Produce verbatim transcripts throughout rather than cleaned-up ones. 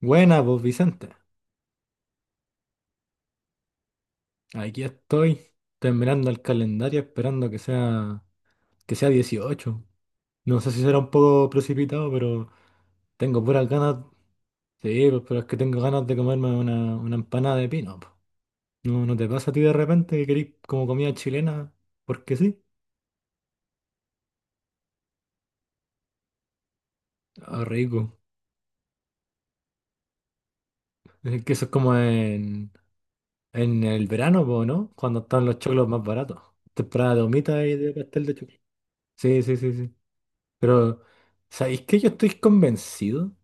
Buena, pues Vicente. Aquí estoy, terminando el calendario, esperando que sea, que sea dieciocho. No sé si será un poco precipitado, pero tengo puras ganas. Sí, pues, pero es que tengo ganas de comerme una, una empanada de pino, po. ¿No, no te pasa a ti de repente que querís como comida chilena? Porque sí. Ah, rico. Es que eso es como en, en el verano, po, ¿no? Cuando están los choclos más baratos. Temporada de humita y de pastel de choclo. Sí, sí, sí, sí. Pero, ¿sabéis que yo estoy convencido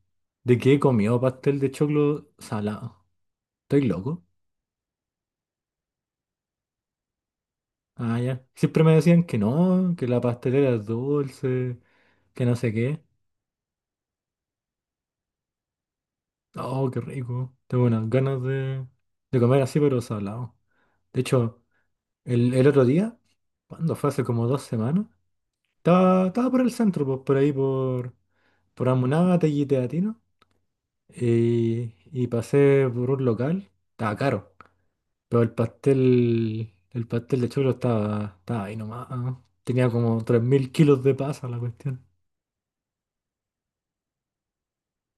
de que he comido pastel de choclo salado? ¿Estoy loco? Ah, ya. Siempre me decían que no, que la pastelera es dulce, que no sé qué. Oh, qué rico. Tengo unas ganas de, de comer así, pero salado. De hecho, el, el otro día, cuando fue hace como dos semanas, estaba, estaba por el centro, pues, por ahí, por, por Amunátegui y Teatino, y, y pasé por un local. Estaba caro. Pero el pastel, el pastel de choclo estaba, estaba ahí nomás, ¿no? Tenía como tres mil kilos de pasa la cuestión.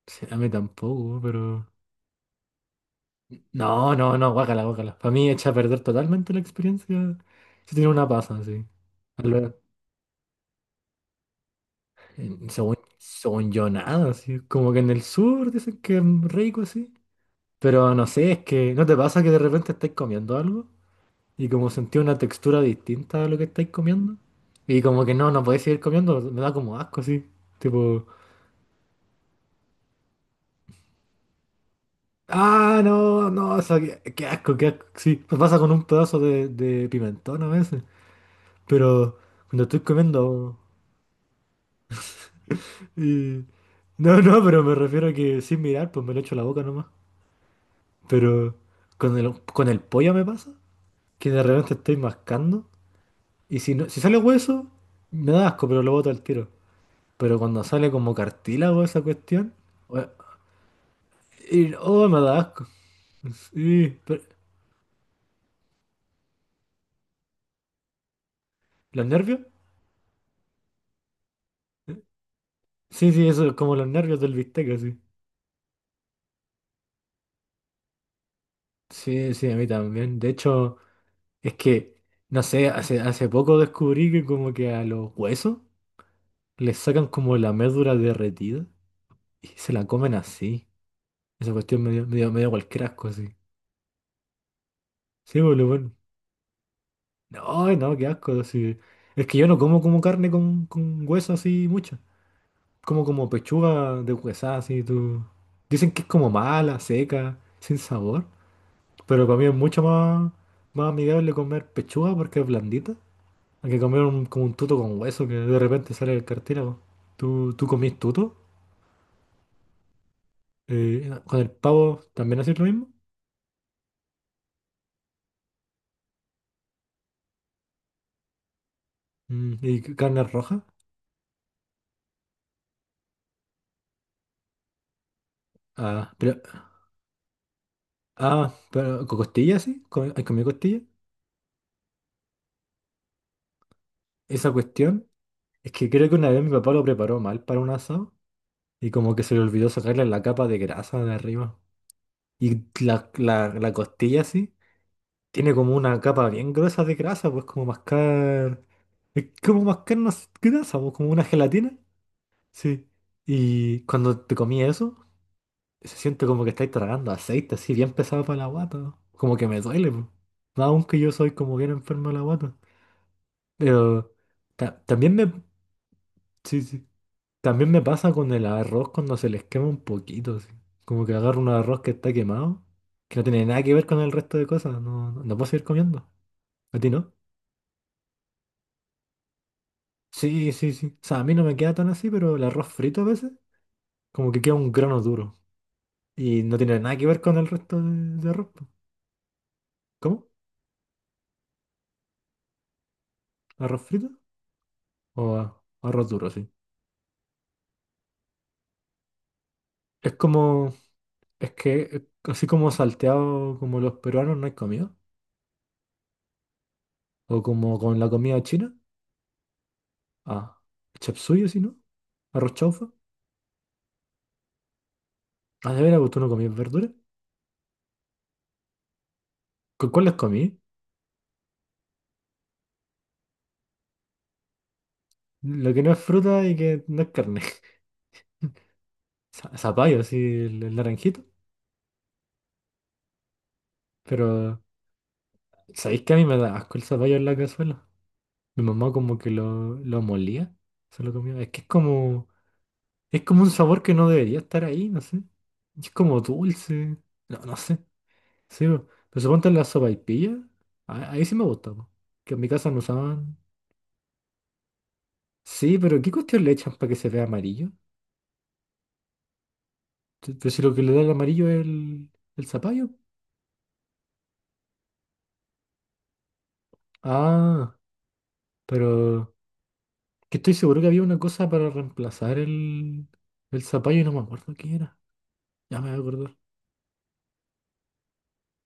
Sí, a mí tampoco, pero... No, no, no, guácala, guácala. Para mí echa a perder totalmente la experiencia si tiene una pasa así. Al ver, en- según, según yo, nada, así. Como que en el sur dicen que es rico así. Pero no sé, es que ¿no te pasa que de repente estés comiendo algo? Y como sentía una textura distinta a lo que estáis comiendo. Y como que no, no podéis seguir comiendo, me da como asco así. Tipo, ah, no, no, o sea, qué, qué asco, qué asco. Sí, me pasa con un pedazo de, de pimentón a veces. Pero cuando estoy comiendo... y- No, no, pero me refiero a que sin mirar, pues me lo echo a la boca nomás. Pero con el, con el pollo me pasa, que de repente estoy mascando. Y si, no, si sale hueso, me da asco, pero lo boto al tiro. Pero cuando sale como cartílago esa cuestión, we- y- oh, me da asco. Sí, pero- ¿los nervios? Sí, sí, eso es como los nervios del bistec, así. Sí, sí, a mí también. De hecho, es que, no sé, hace, hace poco descubrí que como que a los huesos les sacan como la médula derretida y se la comen así. Esa cuestión me dio, me dio- me dio cualquier asco así. Sí, boludo, bueno. No, no, qué asco, así. Es que yo no como como carne con, con hueso así mucho. Como, como pechuga de huesada, así tú. Dicen que es como mala, seca, sin sabor. Pero para mí es mucho más, más amigable comer pechuga porque es blandita. Hay que comer un- como un tuto con hueso que de repente sale del cartílago. ¿Tú, tú comís tuto? Eh, ¿con el pavo también haces lo mismo? Mm, ¿y c- carne roja? Ah, pero, ah, pero ¿con costillas sí? ¿Con- ¿Hay comido costilla? Esa cuestión es que creo que una vez mi papá lo preparó mal para un asado y como que se le olvidó sacarle la capa de grasa de arriba. Y la, la, la costilla así tiene como una capa bien gruesa de grasa, pues como mascar. Es como mascar una s- grasa, pues como una gelatina. Sí. Y cuando te comí eso, se siente como que estáis tragando aceite así, bien pesado para la guata. Como que me duele, pues. Aunque yo soy como bien enfermo de la guata. Pero ta- también me. Sí, sí. También me pasa con el arroz cuando se les quema un poquito, así. Como que agarro un arroz que está quemado, que no tiene nada que ver con el resto de cosas, no, no, no puedo seguir comiendo. ¿A ti no? Sí, sí, sí. O sea, a mí no me queda tan así, pero el arroz frito a veces, como que queda un grano duro. Y no tiene nada que ver con el resto de, de arroz, po. ¿Cómo? ¿Arroz frito? O a- arroz duro, sí. Es como, es que, eh, así como salteado como los peruanos no hay comido. O como con la comida china. Ah, chapsuyo, sí, ¿no? Arroz chaufa. Ah, de veras, pues, ¿tú no comías verduras? ¿Cu- cuáles comí? Lo que no es fruta y que no es carne. Za- Zapallo, así, el, el naranjito. Pero, ¿sabéis que a mí me da asco el zapallo en la cazuela? Mi mamá como que lo, lo molía, se lo comía. Es que es como, es como un sabor que no debería estar ahí, no sé. Es como dulce. No, no sé. Sí, po. Pero suponte en la sopaipilla, a- ahí sí me gusta, po. Que en mi casa no usaban. Sí, pero ¿qué cuestión le echan para que se vea amarillo? Te- Pero si lo que le da el amarillo es el, el zapallo. Ah, pero que estoy seguro que había una cosa para reemplazar el, el zapallo y no me acuerdo qué era. Ya me voy a acordar.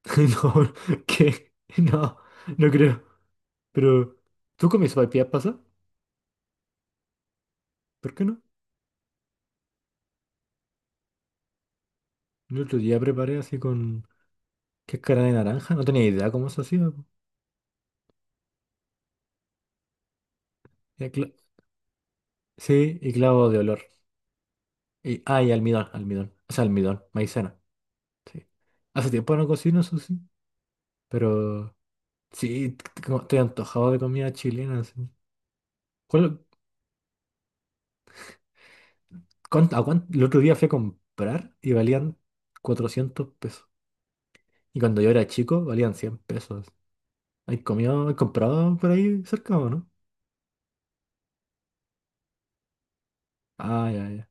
No, ¿qué? No, no creo. Pero, ¿tú comí sopaipillas pasa? ¿Por qué no? El otro día preparé así con cáscara de naranja. No tenía idea cómo se hacía, po. Y cla- Sí, y clavo de olor. Y, ah, y almidón, almidón. O sea, almidón, maicena. Sí. Hace tiempo no cocino, eso sí. Pero... Sí, t- como estoy antojado de comida chilena, sí. ¿Cuál- cuán- a cuán- el otro día fui a comprar y valían cuatrocientos pesos. Y cuando yo era chico valían cien pesos. ¿Hay comido, hay comprado por ahí cerca o no? Ah, ya, ya.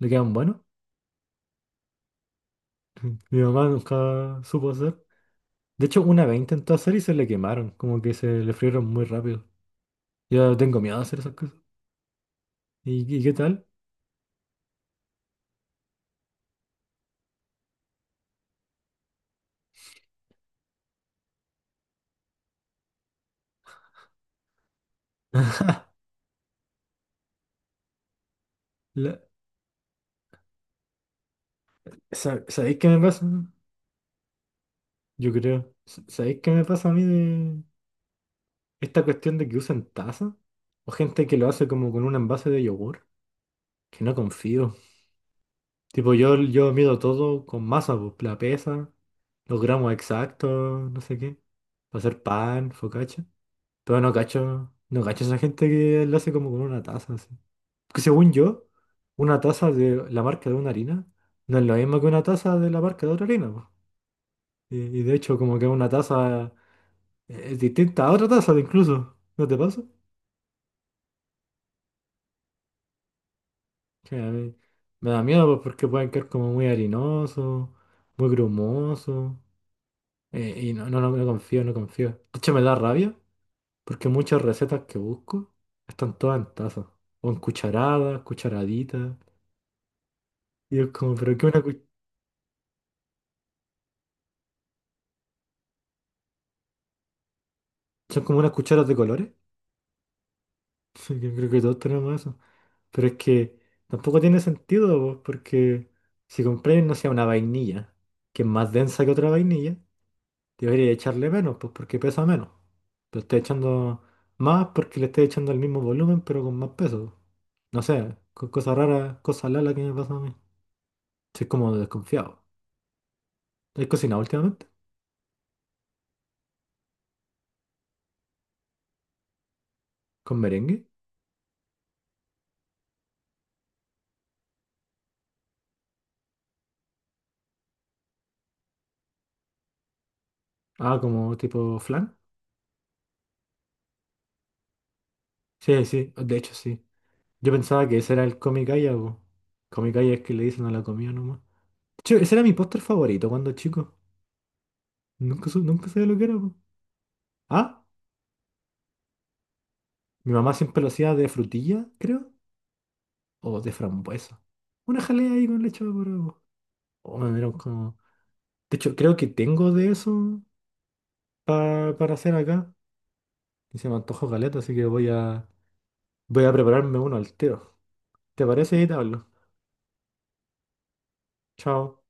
¿Le quedan buenos? Mi mamá nunca supo hacer. De hecho, una vez intentó hacer y se le quemaron. Como que se le frieron muy rápido. Yo tengo miedo de hacer esas cosas. ¿Y, y qué tal? La- sa- ¿Sabéis qué me pasa? Yo creo. Sa- ¿Sabéis qué me pasa a mí de? Esta cuestión de que usan taza o gente que lo hace como con un envase de yogur, que no confío. Tipo, yo, yo mido todo con masa, pues, la pesa, los gramos exactos, no sé qué, para hacer pan, focaccia. Pero no cacho, no cacho esa gente que lo hace como con una taza, así. Porque según yo, una taza de la marca de una harina no es lo mismo que una taza de la marca de otra harina, pues. Y, y de hecho, como que una taza eh, es distinta a otra taza, incluso. ¿No te pasa? Sí, a mí me da miedo pues, porque pueden quedar como muy harinosos, muy grumosos. eh, y no, no, no, no confío, no confío. De hecho, me da rabia porque muchas recetas que busco están todas en tazas. O en cucharadas, cucharaditas. Y es como, pero que una cu- son como unas cucharas de colores. Sí, Yo creo que todos tenemos eso. Pero es que tampoco tiene sentido, pues, porque si compréis, no sea una vainilla, que es más densa que otra vainilla. Debería echarle menos, pues porque pesa menos. Lo estoy echando más porque le estoy echando el mismo volumen, pero con más peso. No sé, con cosas raras, cosas lala que me pasa a mí. Soy como desconfiado. ¿He cocinado últimamente? ¿Con merengue? Ah, como tipo flan. Sí, sí, de hecho sí. Yo pensaba que ese era el comicaya, o comicaya es que le dicen a la comida nomás. De hecho, ese era mi póster favorito cuando chico. Nunca, su- nunca sabía lo que era, po. Ah, mi mamá siempre lo hacía de frutilla, creo. O de frambuesa. Una jalea ahí con leche evaporada. O me dieron como. De hecho, creo que tengo de eso pa- para hacer acá. Y se me antojó caleta, así que voy a voy a prepararme uno al tiro. ¿Te parece? Y te hablo. Chao.